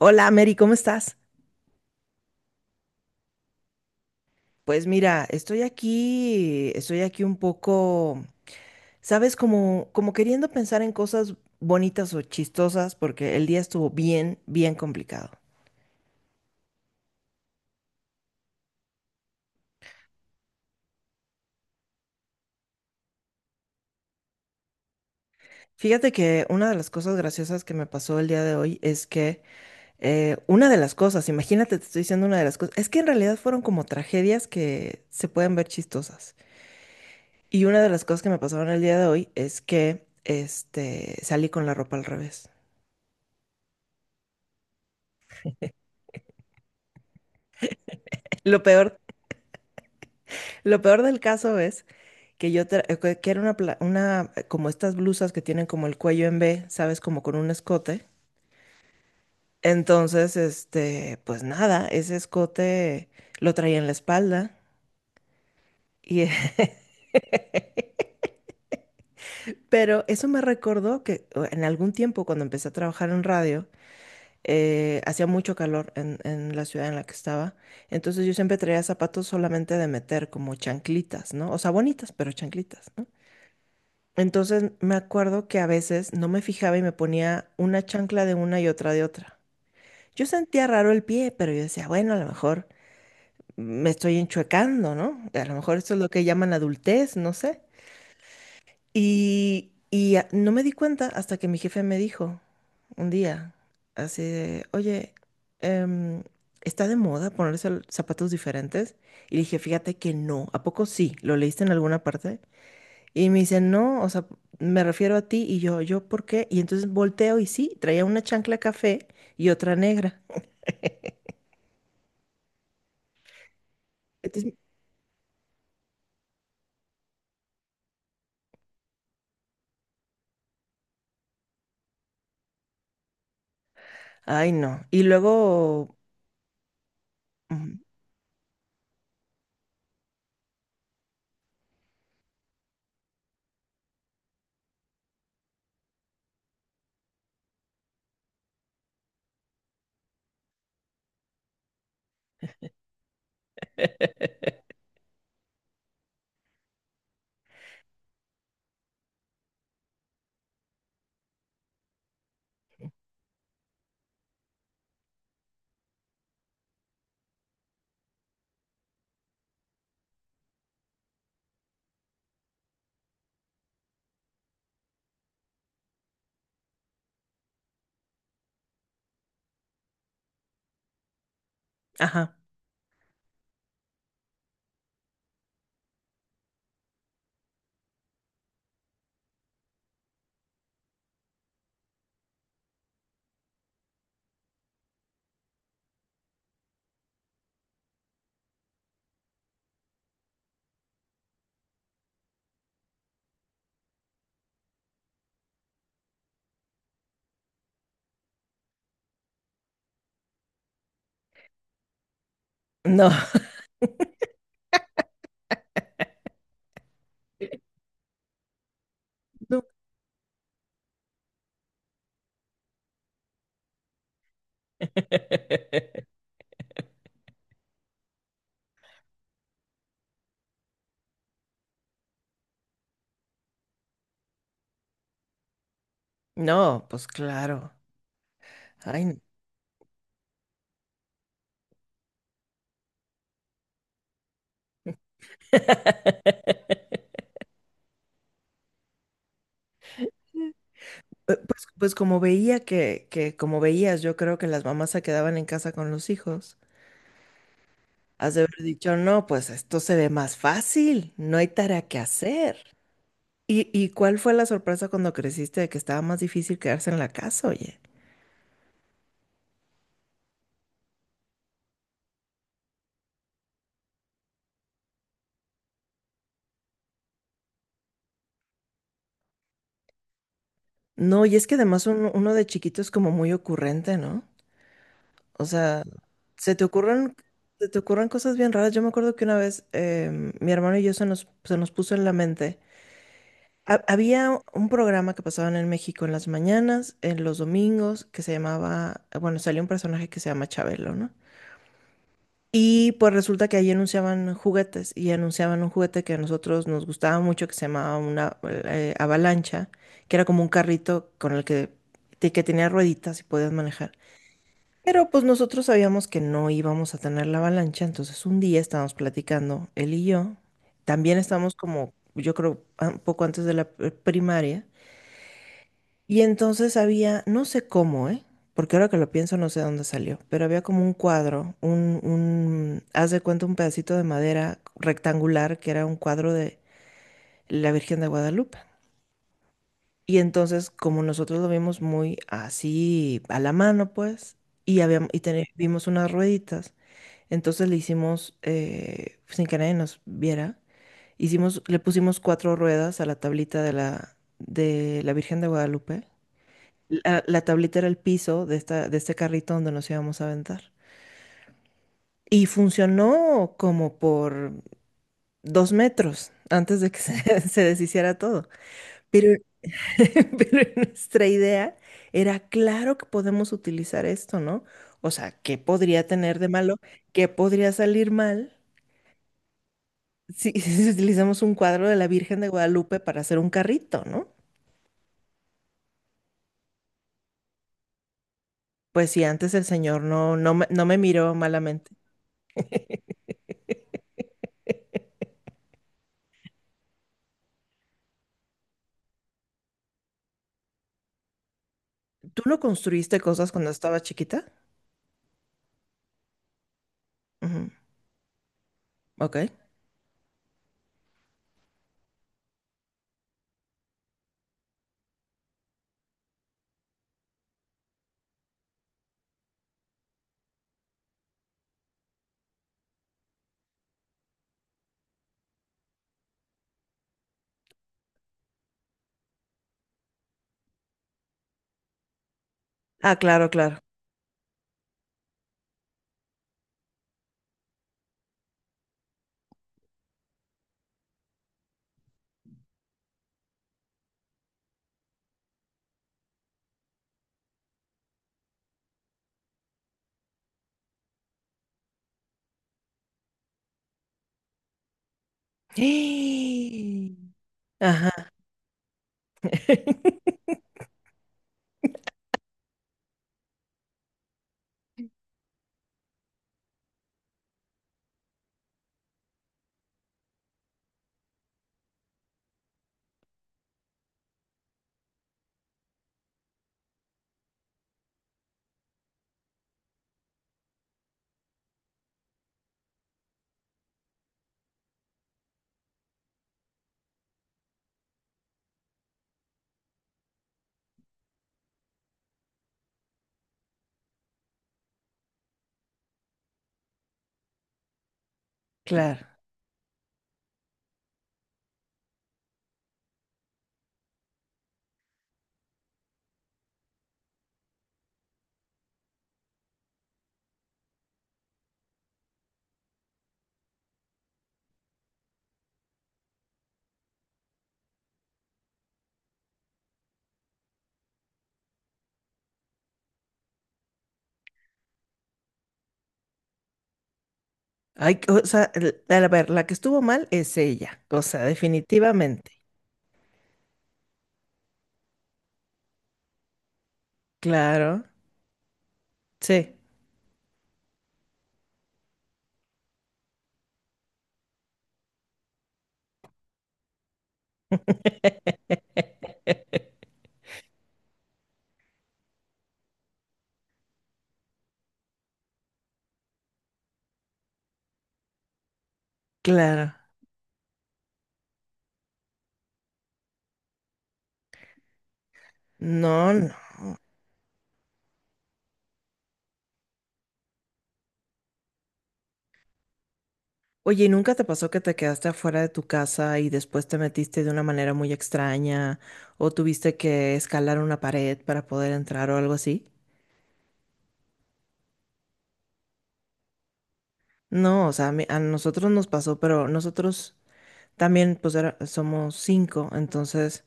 Hola, Mary, ¿cómo estás? Pues mira, estoy aquí un poco, sabes, como, como queriendo pensar en cosas bonitas o chistosas, porque el día estuvo bien, bien complicado. Fíjate que una de las cosas graciosas que me pasó el día de hoy es que una de las cosas, imagínate, te estoy diciendo una de las cosas, es que en realidad fueron como tragedias que se pueden ver chistosas. Y una de las cosas que me pasaron el día de hoy es que, este, salí con la ropa al revés. Lo peor. Lo peor del caso es que que era una, una, como estas blusas que tienen como el cuello en V, ¿sabes? Como con un escote. Entonces, este, pues nada, ese escote lo traía en la espalda. Y pero eso me recordó que en algún tiempo, cuando empecé a trabajar en radio, hacía mucho calor en la ciudad en la que estaba. Entonces yo siempre traía zapatos solamente de meter, como chanclitas, ¿no? O sea, bonitas, pero chanclitas, ¿no? Entonces me acuerdo que a veces no me fijaba y me ponía una chancla de una y otra de otra. Yo sentía raro el pie, pero yo decía, bueno, a lo mejor me estoy enchuecando, ¿no? A lo mejor esto es lo que llaman adultez, no sé. Y, no me di cuenta hasta que mi jefe me dijo un día, así de, oye, em, ¿está de moda ponerse zapatos diferentes? Y le dije, fíjate que no. ¿A poco sí? ¿Lo leíste en alguna parte? Y me dice, no, o sea, me refiero a ti. Y yo, ¿yo por qué? Y entonces volteo y sí, traía una chancla café y otra negra. Entonces, ay, no. Y luego, mm, ajá, no. No. No, pues claro. Ay, no. Pues, pues como veía que, como veías, yo creo que las mamás se quedaban en casa con los hijos. Has de haber dicho, no, pues esto se ve más fácil, no hay tarea que hacer. Y cuál fue la sorpresa cuando creciste de que estaba más difícil quedarse en la casa, oye? No, y es que además uno, uno de chiquito es como muy ocurrente, ¿no? O sea, se te ocurren, se te ocurren cosas bien raras. Yo me acuerdo que una vez mi hermano y yo se nos puso en la mente. Ha- había un programa que pasaban en México en las mañanas, en los domingos, que se llamaba, bueno, salió un personaje que se llama Chabelo, ¿no? Y pues resulta que ahí anunciaban juguetes y anunciaban un juguete que a nosotros nos gustaba mucho que se llamaba una avalancha, que era como un carrito con el que, que tenía rueditas y podías manejar. Pero pues nosotros sabíamos que no íbamos a tener la avalancha, entonces un día estábamos platicando, él y yo, también estábamos como, yo creo, ah, un poco antes de la primaria, y entonces había, no sé cómo, ¿eh? Porque ahora que lo pienso no sé dónde salió, pero había como un cuadro, haz de cuenta un pedacito de madera rectangular que era un cuadro de la Virgen de Guadalupe. Y entonces, como nosotros lo vimos muy así a la mano, pues, y habíamos, y vimos unas rueditas, entonces le hicimos, sin que nadie nos viera, hicimos, le pusimos 4 ruedas a la tablita de la Virgen de Guadalupe. La tablita era el piso de esta, de este carrito donde nos íbamos a aventar. Y funcionó como por 2 metros antes de que se se deshiciera todo. Pero pero nuestra idea era, claro que podemos utilizar esto, ¿no? O sea, ¿qué podría tener de malo? ¿Qué podría salir mal si si utilizamos un cuadro de la Virgen de Guadalupe para hacer un carrito, ¿no? Pues si antes el señor no, no, no me miró malamente. ¿Tú no construiste cosas cuando estaba chiquita? Ujú. Ok. Ah, claro, claro. Ajá, claro. Ay, o sea, a ver, la que estuvo mal es ella, o sea, definitivamente. Claro, sí, claro. No, no. Oye, ¿y nunca te pasó que te quedaste afuera de tu casa y después te metiste de una manera muy extraña o tuviste que escalar una pared para poder entrar o algo así? No, o sea, a nosotros nos pasó, pero nosotros también, pues, somos 5, entonces...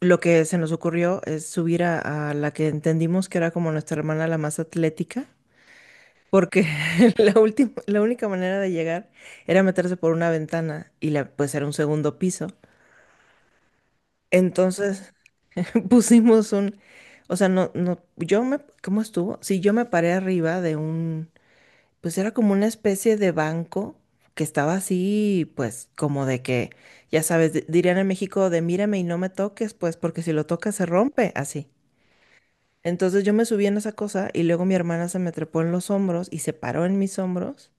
Lo que se nos ocurrió es subir a la que entendimos que era como nuestra hermana la más atlética, porque la última, la única manera de llegar era meterse por una ventana y la, pues era un segundo piso. Entonces pusimos un, o sea, no, no, yo me, ¿cómo estuvo? Sí, yo me paré arriba de un, pues era como una especie de banco que estaba así, pues como de que, ya sabes, dirían en México de mírame y no me toques, pues porque si lo tocas se rompe, así. Entonces yo me subí en esa cosa y luego mi hermana se me trepó en los hombros y se paró en mis hombros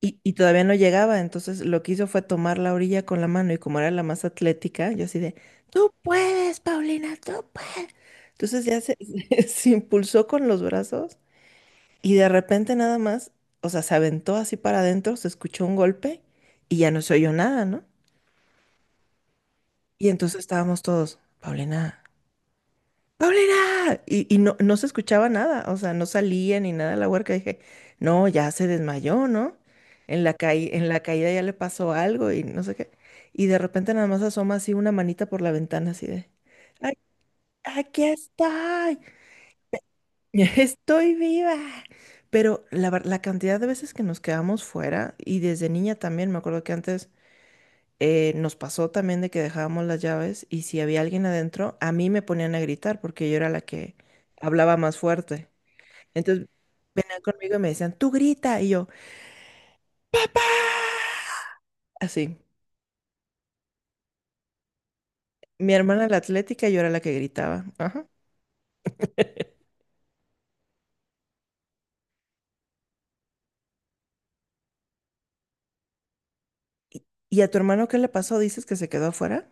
y todavía no llegaba. Entonces lo que hizo fue tomar la orilla con la mano y como era la más atlética, yo así de, tú puedes, Paulina, tú puedes. Entonces ya se se impulsó con los brazos y de repente nada más, o sea, se aventó así para adentro, se escuchó un golpe y ya no se oyó nada, ¿no? Y entonces estábamos todos, Paulina. ¡Paulina! Y no, no se escuchaba nada, o sea, no salía ni nada la huerca. Dije, no, ya se desmayó, ¿no? En la en la caída ya le pasó algo y no sé qué. Y de repente nada más asoma así una manita por la ventana, así de, "Ay, aquí estoy, estoy viva." Pero la, la cantidad de veces que nos quedamos fuera, y desde niña también, me acuerdo que antes nos pasó también de que dejábamos las llaves y si había alguien adentro, a mí me ponían a gritar porque yo era la que hablaba más fuerte. Entonces venían conmigo y me decían, tú grita. Y yo, así. Mi hermana la atlética, yo era la que gritaba. Ajá. ¿Y a tu hermano qué le pasó? ¿Dices que se quedó afuera?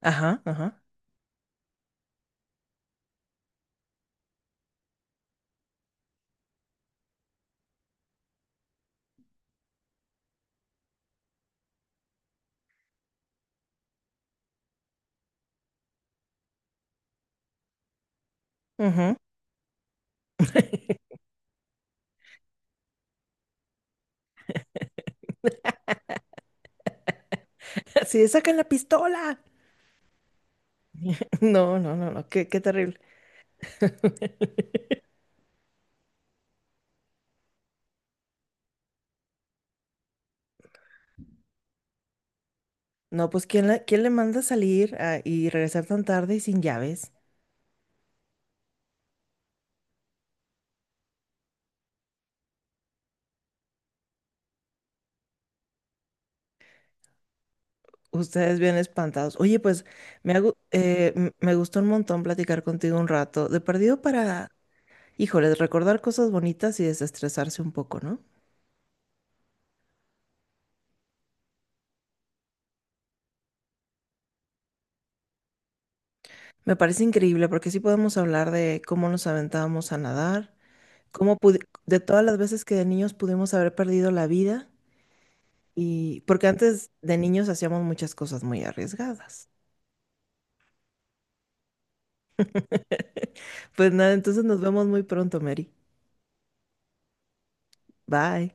Ajá, ajá. Ujú. Así de, sacan la pistola. No, no, no, no, qué, qué terrible. No, pues ¿quién, quién le manda a salir ah, y regresar tan tarde y sin llaves? Ustedes bien espantados. Oye, pues me, me gustó un montón platicar contigo un rato. De perdido para, híjoles, recordar cosas bonitas y desestresarse un poco, ¿no? Me parece increíble porque sí podemos hablar de cómo nos aventábamos a nadar, cómo pudi- de todas las veces que de niños pudimos haber perdido la vida y porque antes de niños hacíamos muchas cosas muy arriesgadas. Pues nada, entonces nos vemos muy pronto, Mary. Bye.